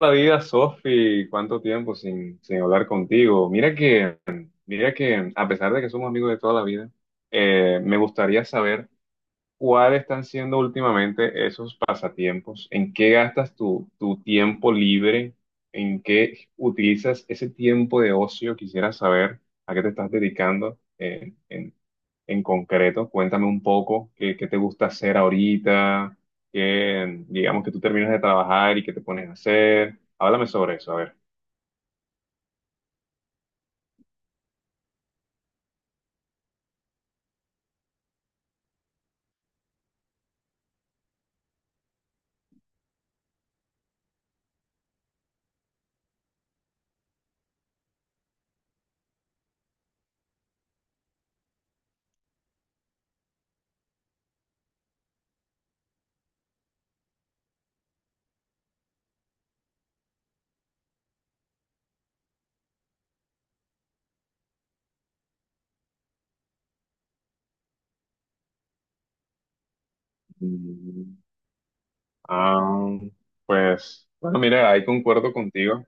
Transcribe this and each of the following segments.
La vida, Sofi? ¿Cuánto tiempo sin hablar contigo? Mira que a pesar de que somos amigos de toda la vida, me gustaría saber cuáles están siendo últimamente esos pasatiempos, en qué gastas tu tiempo libre, en qué utilizas ese tiempo de ocio. Quisiera saber a qué te estás dedicando en concreto. Cuéntame un poco qué te gusta hacer ahorita, qué, digamos que tú terminas de trabajar y qué te pones a hacer. Háblame sobre eso, a ver. Mm, ah, pues, bueno, mira, ahí concuerdo contigo.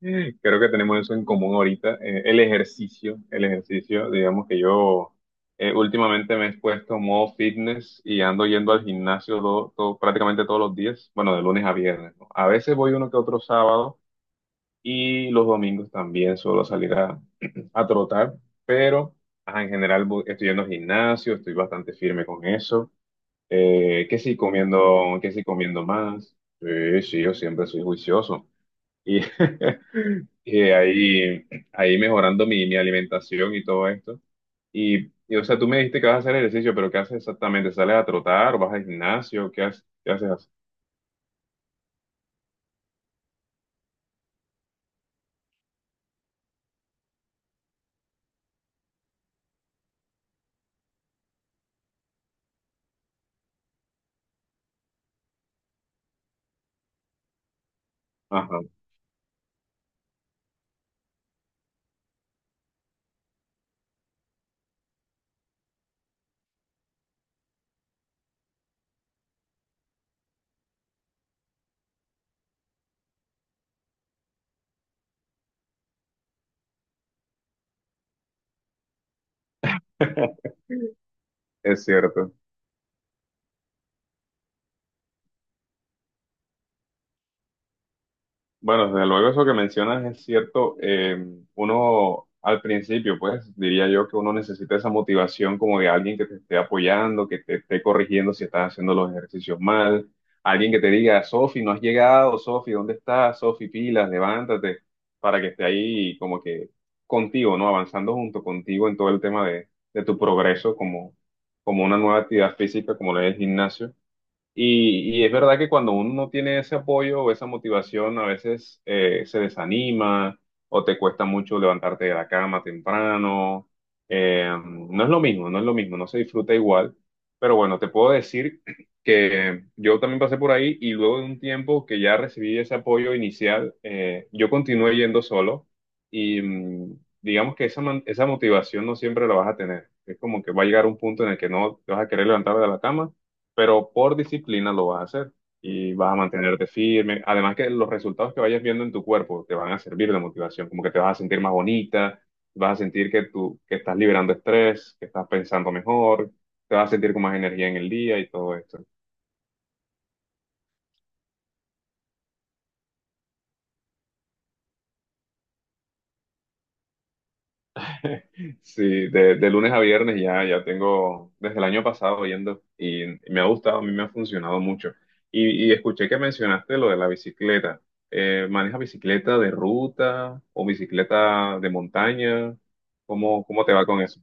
Creo que tenemos eso en común ahorita. El ejercicio, digamos que yo últimamente me he puesto modo fitness y ando yendo al gimnasio prácticamente todos los días, bueno, de lunes a viernes, ¿no? A veces voy uno que otro sábado y los domingos también suelo salir a, a trotar, pero ajá, en general estoy yendo al gimnasio, estoy bastante firme con eso. Que sí comiendo más. Sí, sí, yo siempre soy juicioso. Y, y ahí mejorando mi alimentación y todo esto. O sea, tú me dijiste que vas a hacer ejercicio, pero ¿qué haces exactamente? ¿Sales a trotar? O ¿vas al gimnasio? ¿Qué haces? ¿Qué haces? Ajá, es cierto. Bueno, desde luego eso que mencionas es cierto. Uno al principio, pues diría yo que uno necesita esa motivación como de alguien que te esté apoyando, que te esté corrigiendo si estás haciendo los ejercicios mal, alguien que te diga, Sofi, no has llegado, Sofi, ¿dónde estás? Sofi, pilas, levántate, para que esté ahí como que contigo, ¿no? Avanzando junto contigo en todo el tema de tu progreso como, como una nueva actividad física, como lo es el gimnasio. Y es verdad que cuando uno no tiene ese apoyo o esa motivación, a veces se desanima o te cuesta mucho levantarte de la cama temprano. Eh, no es lo mismo, no es lo mismo, no se disfruta igual. Pero bueno, te puedo decir que yo también pasé por ahí y luego de un tiempo que ya recibí ese apoyo inicial, yo continué yendo solo y mm, digamos que esa, esa motivación no siempre la vas a tener. Es como que va a llegar un punto en el que no te vas a querer levantar de la cama, pero por disciplina lo vas a hacer y vas a mantenerte firme. Además que los resultados que vayas viendo en tu cuerpo te van a servir de motivación, como que te vas a sentir más bonita, vas a sentir que tú que estás liberando estrés, que estás pensando mejor, te vas a sentir con más energía en el día y todo esto. Sí, de lunes a viernes, ya tengo desde el año pasado yendo y me ha gustado, a mí me ha funcionado mucho. Y escuché que mencionaste lo de la bicicleta. ¿Manejas bicicleta de ruta o bicicleta de montaña? ¿Cómo te va con eso?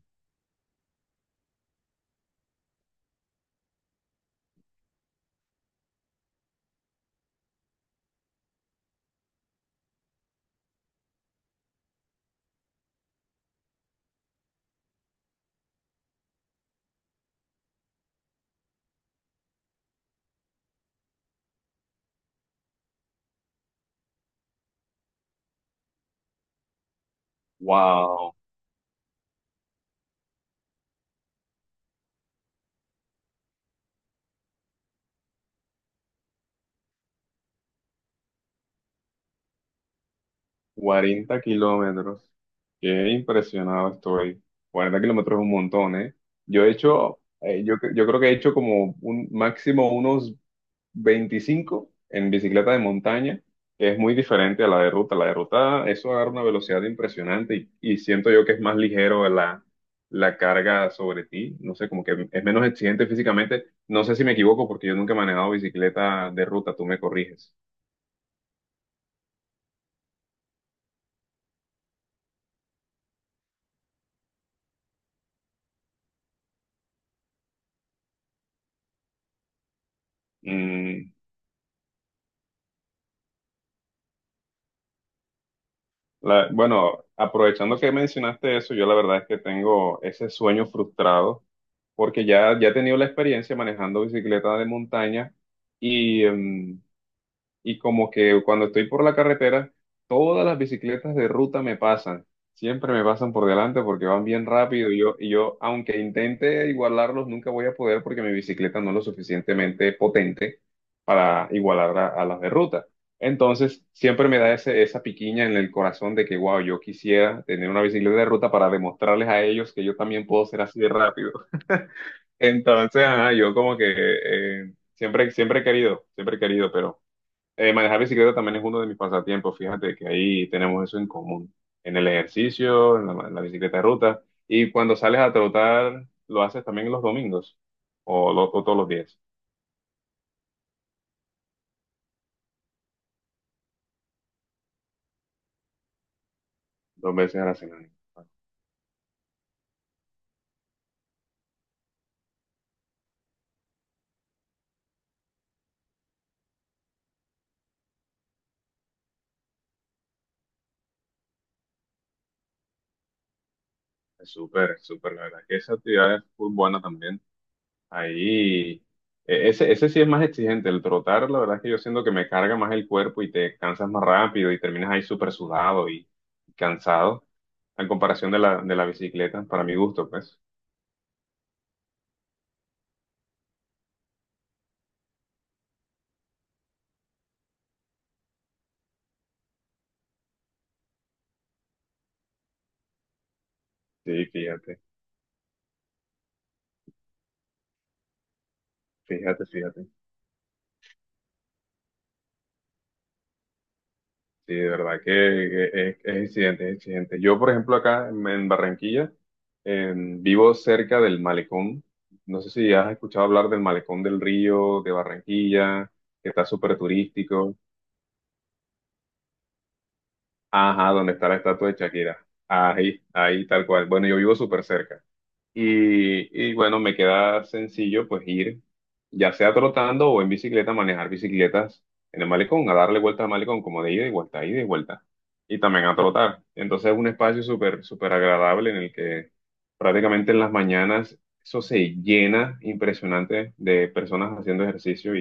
Wow, 40 kilómetros. Qué impresionado estoy. 40 kilómetros es un montón, ¿eh? Yo he hecho, yo creo que he hecho como un máximo unos 25 en bicicleta de montaña. Es muy diferente a la de ruta. La de ruta, eso agarra una velocidad impresionante y siento yo que es más ligero la carga sobre ti. No sé, como que es menos exigente físicamente. No sé si me equivoco porque yo nunca he manejado bicicleta de ruta, tú me corriges. Mm, bueno, aprovechando que mencionaste eso, yo la verdad es que tengo ese sueño frustrado porque ya he tenido la experiencia manejando bicicleta de montaña y... y como que cuando estoy por la carretera, todas las bicicletas de ruta me pasan. Siempre me pasan por delante porque van bien rápido y yo, aunque intente igualarlos, nunca voy a poder porque mi bicicleta no es lo suficientemente potente para igualar a las de ruta. Entonces, siempre me da ese, esa piquiña en el corazón de que, wow, yo quisiera tener una bicicleta de ruta para demostrarles a ellos que yo también puedo ser así de rápido. Entonces, ajá, yo como que siempre he querido, siempre he querido, pero... manejar bicicleta también es uno de mis pasatiempos, fíjate que ahí tenemos eso en común, en el ejercicio, en en la bicicleta de ruta, y cuando sales a trotar, lo haces también los domingos, o, o todos los días, dos veces a la semana. Bueno, es súper, súper, la verdad, que esa actividad es muy buena también. Ahí, ese sí es más exigente, el trotar, la verdad es que yo siento que me carga más el cuerpo y te cansas más rápido y terminas ahí súper sudado y cansado, en comparación de de la bicicleta, para mi gusto, pues. Sí, fíjate, fíjate, fíjate. Sí, de verdad que es exigente, es exigente. Yo, por ejemplo, acá en Barranquilla, vivo cerca del malecón. No sé si has escuchado hablar del malecón del río de Barranquilla, que está súper turístico. Ajá, donde está la estatua de Shakira. Ahí, ahí, tal cual. Bueno, yo vivo súper cerca. Y bueno, me queda sencillo pues ir, ya sea trotando o en bicicleta, manejar bicicletas en el malecón, a darle vuelta al malecón como de ida y vuelta, ida y vuelta. Y también a trotar. Entonces es un espacio súper, súper agradable en el que prácticamente en las mañanas eso se llena impresionante de personas haciendo ejercicio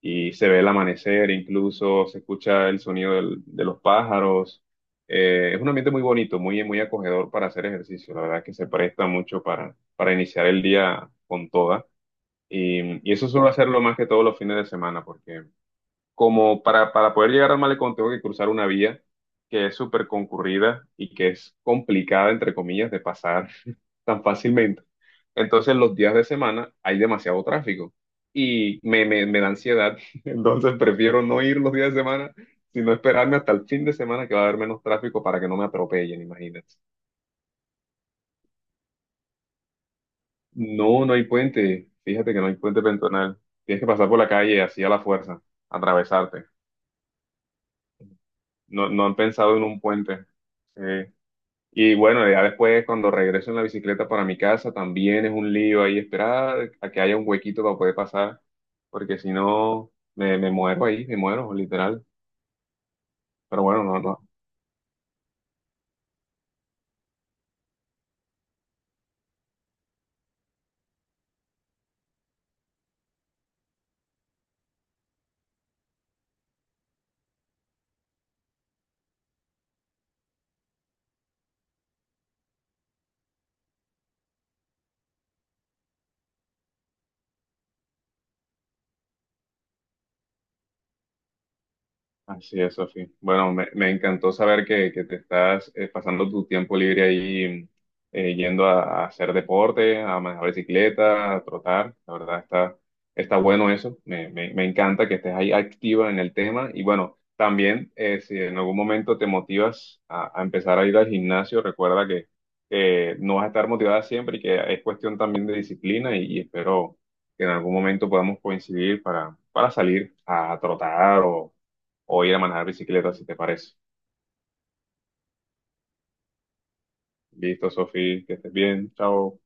y se ve el amanecer, incluso se escucha el sonido de los pájaros. Es un ambiente muy bonito, muy, muy acogedor para hacer ejercicio. La verdad que se presta mucho para iniciar el día con toda. Y eso suelo hacerlo más que todos los fines de semana, porque como para poder llegar al malecón tengo que cruzar una vía que es súper concurrida y que es complicada, entre comillas, de pasar tan fácilmente. Entonces, los días de semana hay demasiado tráfico y me da ansiedad. Entonces, prefiero no ir los días de semana, sino esperarme hasta el fin de semana que va a haber menos tráfico para que no me atropellen, imagínate. No, no hay puente. Fíjate que no hay puente peatonal. Tienes que pasar por la calle así a la fuerza, atravesarte. No, no han pensado en un puente. Sí. Y bueno, ya después cuando regreso en la bicicleta para mi casa, también es un lío ahí esperar a que haya un huequito para poder pasar, porque si no, me muero ahí, me muero, literal. Pero bueno, no, no así es, Sofía. Bueno, me encantó saber que te estás pasando tu tiempo libre ahí yendo a hacer deporte, a manejar bicicleta, a trotar. La verdad está, está bueno eso. Me encanta que estés ahí activa en el tema. Y bueno, también si en algún momento te motivas a empezar a ir al gimnasio, recuerda que no vas a estar motivada siempre y que es cuestión también de disciplina y espero que en algún momento podamos coincidir para salir a trotar o ir a manejar bicicleta, si te parece. Listo, Sofi, que estés bien. Chao.